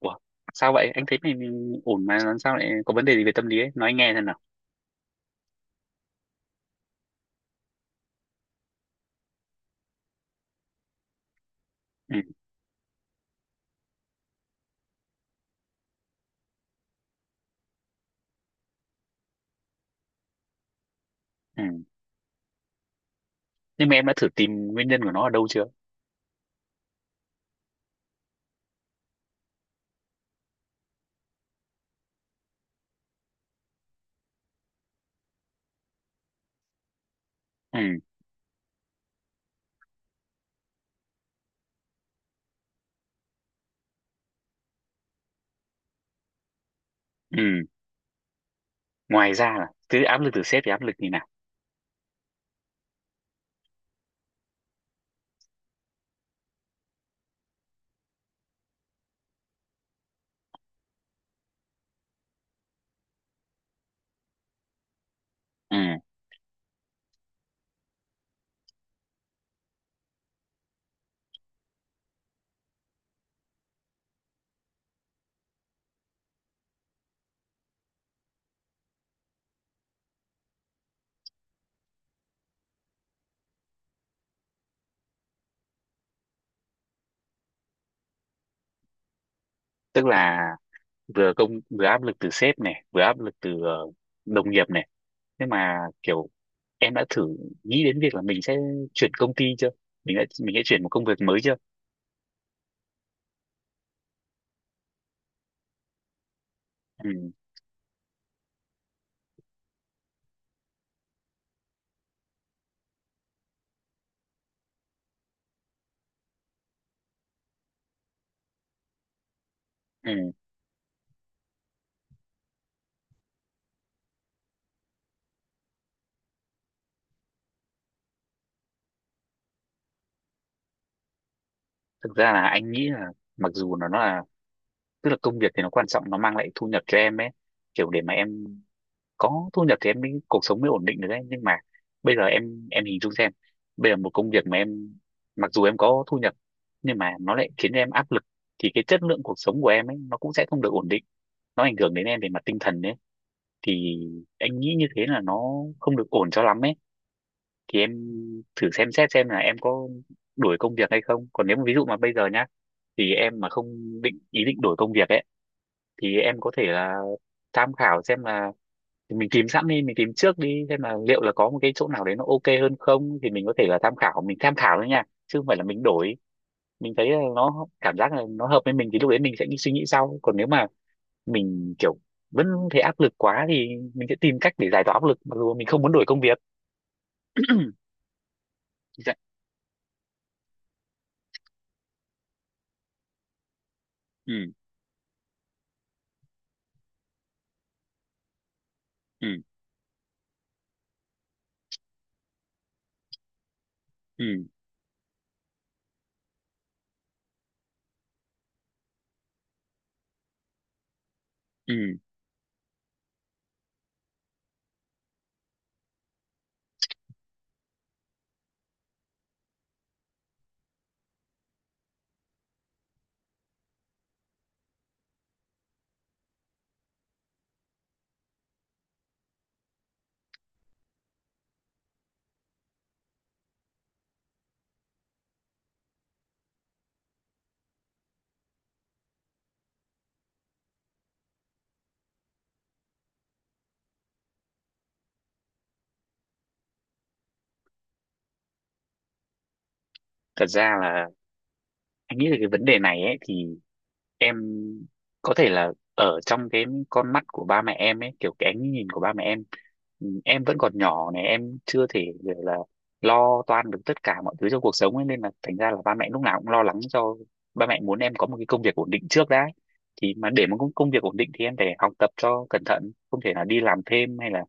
Ủa, sao vậy? Anh thấy mình ổn mà làm sao lại có vấn đề gì về tâm lý ấy? Nói anh nghe xem nào. Ừ, ừ. Nhưng mà em đã thử tìm nguyên nhân của nó ở đâu chưa? Ừ, ừ. Ngoài ra là cứ áp lực từ sếp thì áp lực như nào? Ừ, tức là vừa công vừa áp lực từ sếp này, vừa áp lực từ đồng nghiệp này. Nhưng mà kiểu em đã thử nghĩ đến việc là mình sẽ chuyển công ty chưa? Mình sẽ chuyển một công việc mới chưa? Ừ, ừ. Thực ra là anh nghĩ là mặc dù nó là tức là công việc thì nó quan trọng, nó mang lại thu nhập cho em ấy, kiểu để mà em có thu nhập thì em mới cuộc sống mới ổn định được đấy. Nhưng mà bây giờ em hình dung xem, bây giờ một công việc mà em mặc dù em có thu nhập nhưng mà nó lại khiến em áp lực thì cái chất lượng cuộc sống của em ấy nó cũng sẽ không được ổn định, nó ảnh hưởng đến em về mặt tinh thần đấy. Thì anh nghĩ như thế là nó không được ổn cho lắm ấy. Thì em thử xem xét xem là em có đổi công việc hay không, còn nếu mà ví dụ mà bây giờ nhá, thì em mà không định ý định đổi công việc ấy, thì em có thể là tham khảo xem là, thì mình tìm sẵn đi, mình tìm trước đi xem là liệu là có một cái chỗ nào đấy nó ok hơn không, thì mình có thể là tham khảo, mình tham khảo thôi nha chứ không phải là mình đổi. Mình thấy là nó cảm giác là nó hợp với mình thì lúc đấy mình sẽ đi suy nghĩ sau. Còn nếu mà mình kiểu vẫn thấy áp lực quá thì mình sẽ tìm cách để giải tỏa áp lực mặc dù mình không muốn đổi công việc. Dạ. Ừ, ừ, ừ, ừ. Thật ra là anh nghĩ là cái vấn đề này ấy thì em có thể là ở trong cái con mắt của ba mẹ em ấy, kiểu cái ánh nhìn của ba mẹ em, ừ, em vẫn còn nhỏ này, em chưa thể gọi là lo toan được tất cả mọi thứ trong cuộc sống ấy, nên là thành ra là ba mẹ lúc nào cũng lo lắng cho. Ba mẹ muốn em có một cái công việc ổn định trước đã. Thì mà để một công công việc ổn định thì em phải học tập cho cẩn thận, không thể là đi làm thêm hay là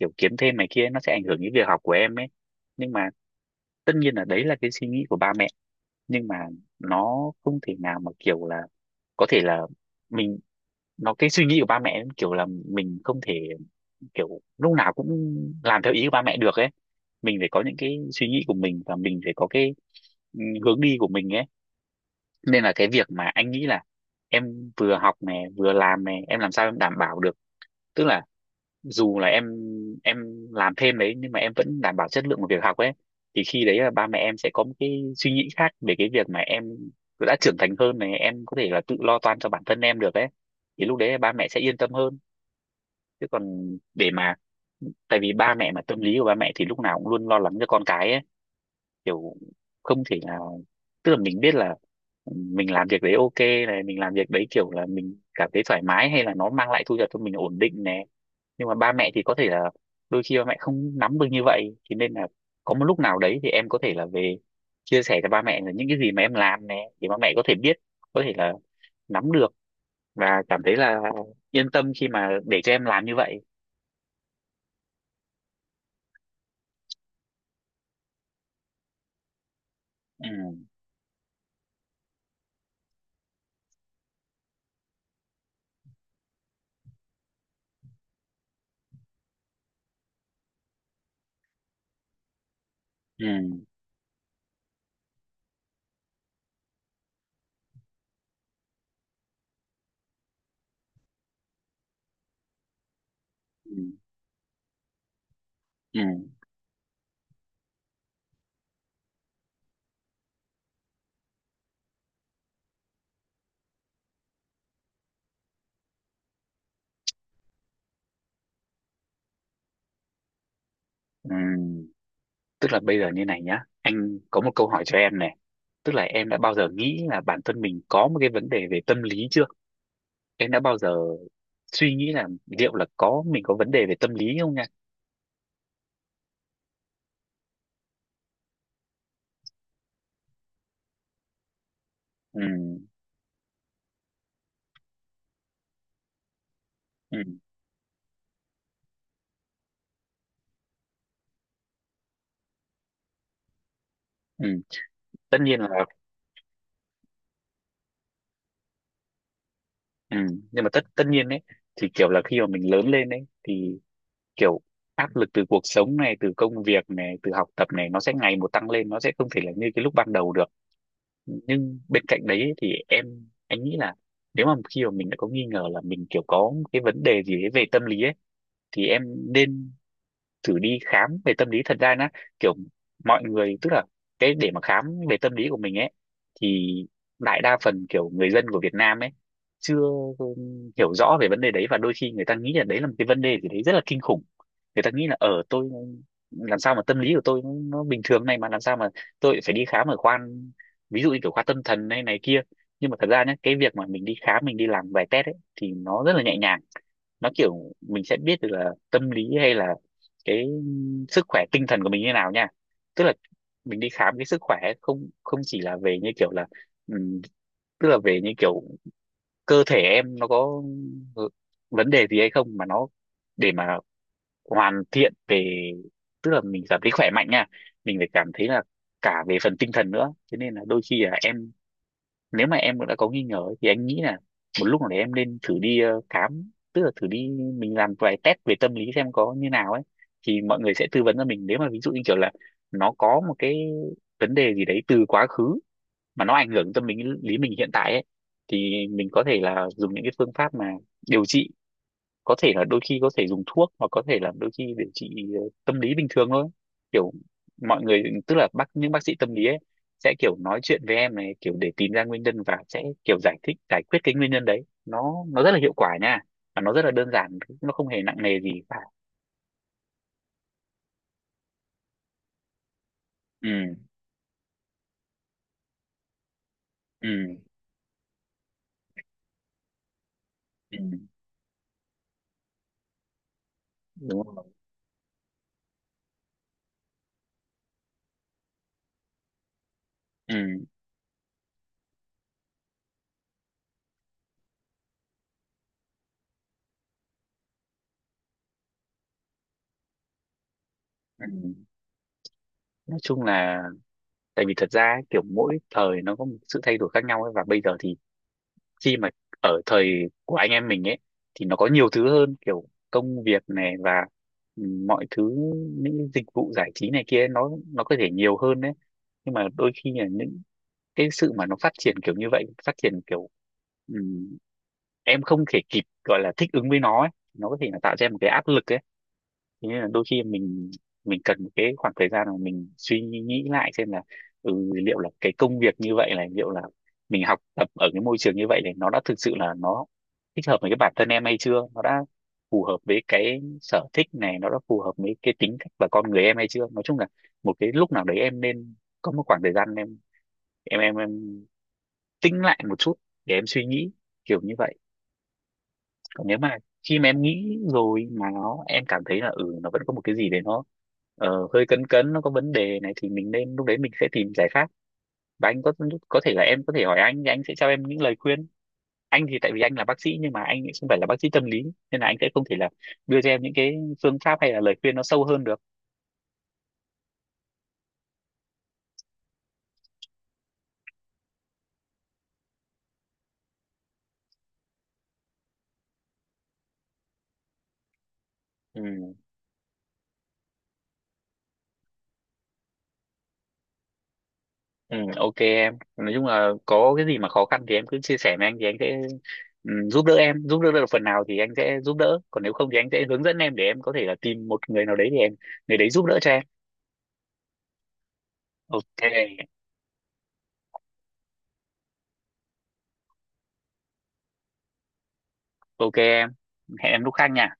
kiểu kiếm thêm này kia, nó sẽ ảnh hưởng đến việc học của em ấy. Nhưng mà tất nhiên là đấy là cái suy nghĩ của ba mẹ, nhưng mà nó không thể nào mà kiểu là có thể là mình, nó cái suy nghĩ của ba mẹ kiểu là mình không thể kiểu lúc nào cũng làm theo ý của ba mẹ được ấy. Mình phải có những cái suy nghĩ của mình và mình phải có cái ừ, hướng đi của mình ấy. Nên là cái việc mà anh nghĩ là em vừa học này vừa làm này, em làm sao em đảm bảo được, tức là dù là em làm thêm đấy nhưng mà em vẫn đảm bảo chất lượng của việc học ấy, thì khi đấy là ba mẹ em sẽ có một cái suy nghĩ khác về cái việc mà em đã trưởng thành hơn này, em có thể là tự lo toan cho bản thân em được ấy, thì lúc đấy là ba mẹ sẽ yên tâm hơn. Chứ còn để mà, tại vì ba mẹ mà tâm lý của ba mẹ thì lúc nào cũng luôn lo lắng cho con cái ấy, kiểu không thể nào, tức là mình biết là ừ, mình làm việc đấy ok này, mình làm việc đấy kiểu là mình cảm thấy thoải mái hay là nó mang lại thu nhập cho mình ổn định này, nhưng mà ba mẹ thì có thể là đôi khi ba mẹ không nắm được như vậy, thế nên là có một lúc nào đấy thì em có thể là về chia sẻ cho ba mẹ là những cái gì mà em làm này để ba mẹ có thể biết, có thể là nắm được và cảm thấy là yên tâm khi mà để cho em làm như vậy. Ừ, ừ, ừ, ừ, ừ. Tức là bây giờ như này nhá, anh có một câu hỏi cho em này, tức là em đã bao giờ nghĩ là bản thân mình có một cái vấn đề về tâm lý chưa, em đã bao giờ suy nghĩ là liệu là có mình có vấn đề về tâm lý không nha. Ừ, ừ, ừ. Tất nhiên là, ừ, nhưng mà tất tất nhiên đấy thì kiểu là khi mà mình lớn lên đấy thì kiểu áp lực từ cuộc sống này, từ công việc này, từ học tập này, nó sẽ ngày một tăng lên, nó sẽ không thể là như cái lúc ban đầu được. Nhưng bên cạnh đấy thì em, anh nghĩ là nếu mà khi mà mình đã có nghi ngờ là mình kiểu có cái vấn đề gì đấy về tâm lý ấy, thì em nên thử đi khám về tâm lý. Thật ra nó kiểu mọi người tức là cái để mà khám về tâm lý của mình ấy thì đại đa phần kiểu người dân của Việt Nam ấy chưa hiểu rõ về vấn đề đấy, và đôi khi người ta nghĩ là đấy là một cái vấn đề gì đấy rất là kinh khủng. Người ta nghĩ là ở tôi, làm sao mà tâm lý của tôi nó bình thường này mà làm sao mà tôi phải đi khám ở khoa, ví dụ như kiểu khoa tâm thần hay này kia. Nhưng mà thật ra nhé, cái việc mà mình đi khám, mình đi làm vài test ấy thì nó rất là nhẹ nhàng. Nó kiểu mình sẽ biết được là tâm lý hay là cái sức khỏe tinh thần của mình như nào nha. Tức là mình đi khám cái sức khỏe ấy, không không chỉ là về như kiểu là ừm, tức là về như kiểu cơ thể em nó có ừ, vấn đề gì hay không, mà nó để mà hoàn thiện về, tức là mình cảm thấy khỏe mạnh nha, mình phải cảm thấy là cả về phần tinh thần nữa. Cho nên là đôi khi là em, nếu mà em đã có nghi ngờ ấy, thì anh nghĩ là một lúc nào đấy em nên thử đi khám, tức là thử đi mình làm vài test về tâm lý xem có như nào ấy. Thì mọi người sẽ tư vấn cho mình, nếu mà ví dụ như kiểu là nó có một cái vấn đề gì đấy từ quá khứ mà nó ảnh hưởng tâm lý lý mình hiện tại ấy, thì mình có thể là dùng những cái phương pháp mà điều trị, có thể là đôi khi có thể dùng thuốc, hoặc có thể là đôi khi để trị tâm lý bình thường thôi. Kiểu mọi người tức là bác những bác sĩ tâm lý ấy sẽ kiểu nói chuyện với em này, kiểu để tìm ra nguyên nhân và sẽ kiểu giải thích giải quyết cái nguyên nhân đấy, nó rất là hiệu quả nha, và nó rất là đơn giản, nó không hề nặng nề gì cả. Ừ, ừ, ừ. Đúng rồi. Ừ, ừ. Nói chung là tại vì thật ra ấy, kiểu mỗi thời nó có một sự thay đổi khác nhau ấy, và bây giờ thì khi mà ở thời của anh em mình ấy thì nó có nhiều thứ hơn, kiểu công việc này và mọi thứ, những cái dịch vụ giải trí này kia nó có thể nhiều hơn đấy. Nhưng mà đôi khi là những cái sự mà nó phát triển kiểu như vậy, phát triển kiểu ừm, em không thể kịp gọi là thích ứng với nó ấy. Nó có thể là tạo ra một cái áp lực ấy. Thế nên là đôi khi mình cần một cái khoảng thời gian mà mình suy nghĩ lại xem là liệu là cái công việc như vậy là liệu là mình học tập ở cái môi trường như vậy thì nó đã thực sự là nó thích hợp với cái bản thân em hay chưa, nó đã phù hợp với cái sở thích này, nó đã phù hợp với cái tính cách và con người em hay chưa. Nói chung là một cái lúc nào đấy em nên có một khoảng thời gian em em tĩnh lại một chút để em suy nghĩ kiểu như vậy. Còn nếu mà khi mà em nghĩ rồi mà nó em cảm thấy là ừ nó vẫn có một cái gì đấy nó hơi cấn cấn, nó có vấn đề này thì mình nên lúc đấy mình sẽ tìm giải pháp. Và anh có thể là em có thể hỏi anh thì anh sẽ cho em những lời khuyên. Anh thì tại vì anh là bác sĩ nhưng mà anh lại không phải là bác sĩ tâm lý, nên là anh sẽ không thể là đưa cho em những cái phương pháp hay là lời khuyên nó sâu hơn được. Ừ. Ừ, ok em, nói chung là có cái gì mà khó khăn thì em cứ chia sẻ với anh thì anh sẽ giúp đỡ em, giúp đỡ được phần nào thì anh sẽ giúp đỡ, còn nếu không thì anh sẽ hướng dẫn em để em có thể là tìm một người nào đấy thì em, người đấy giúp đỡ cho em. Ok. Ok em, hẹn em lúc khác nha.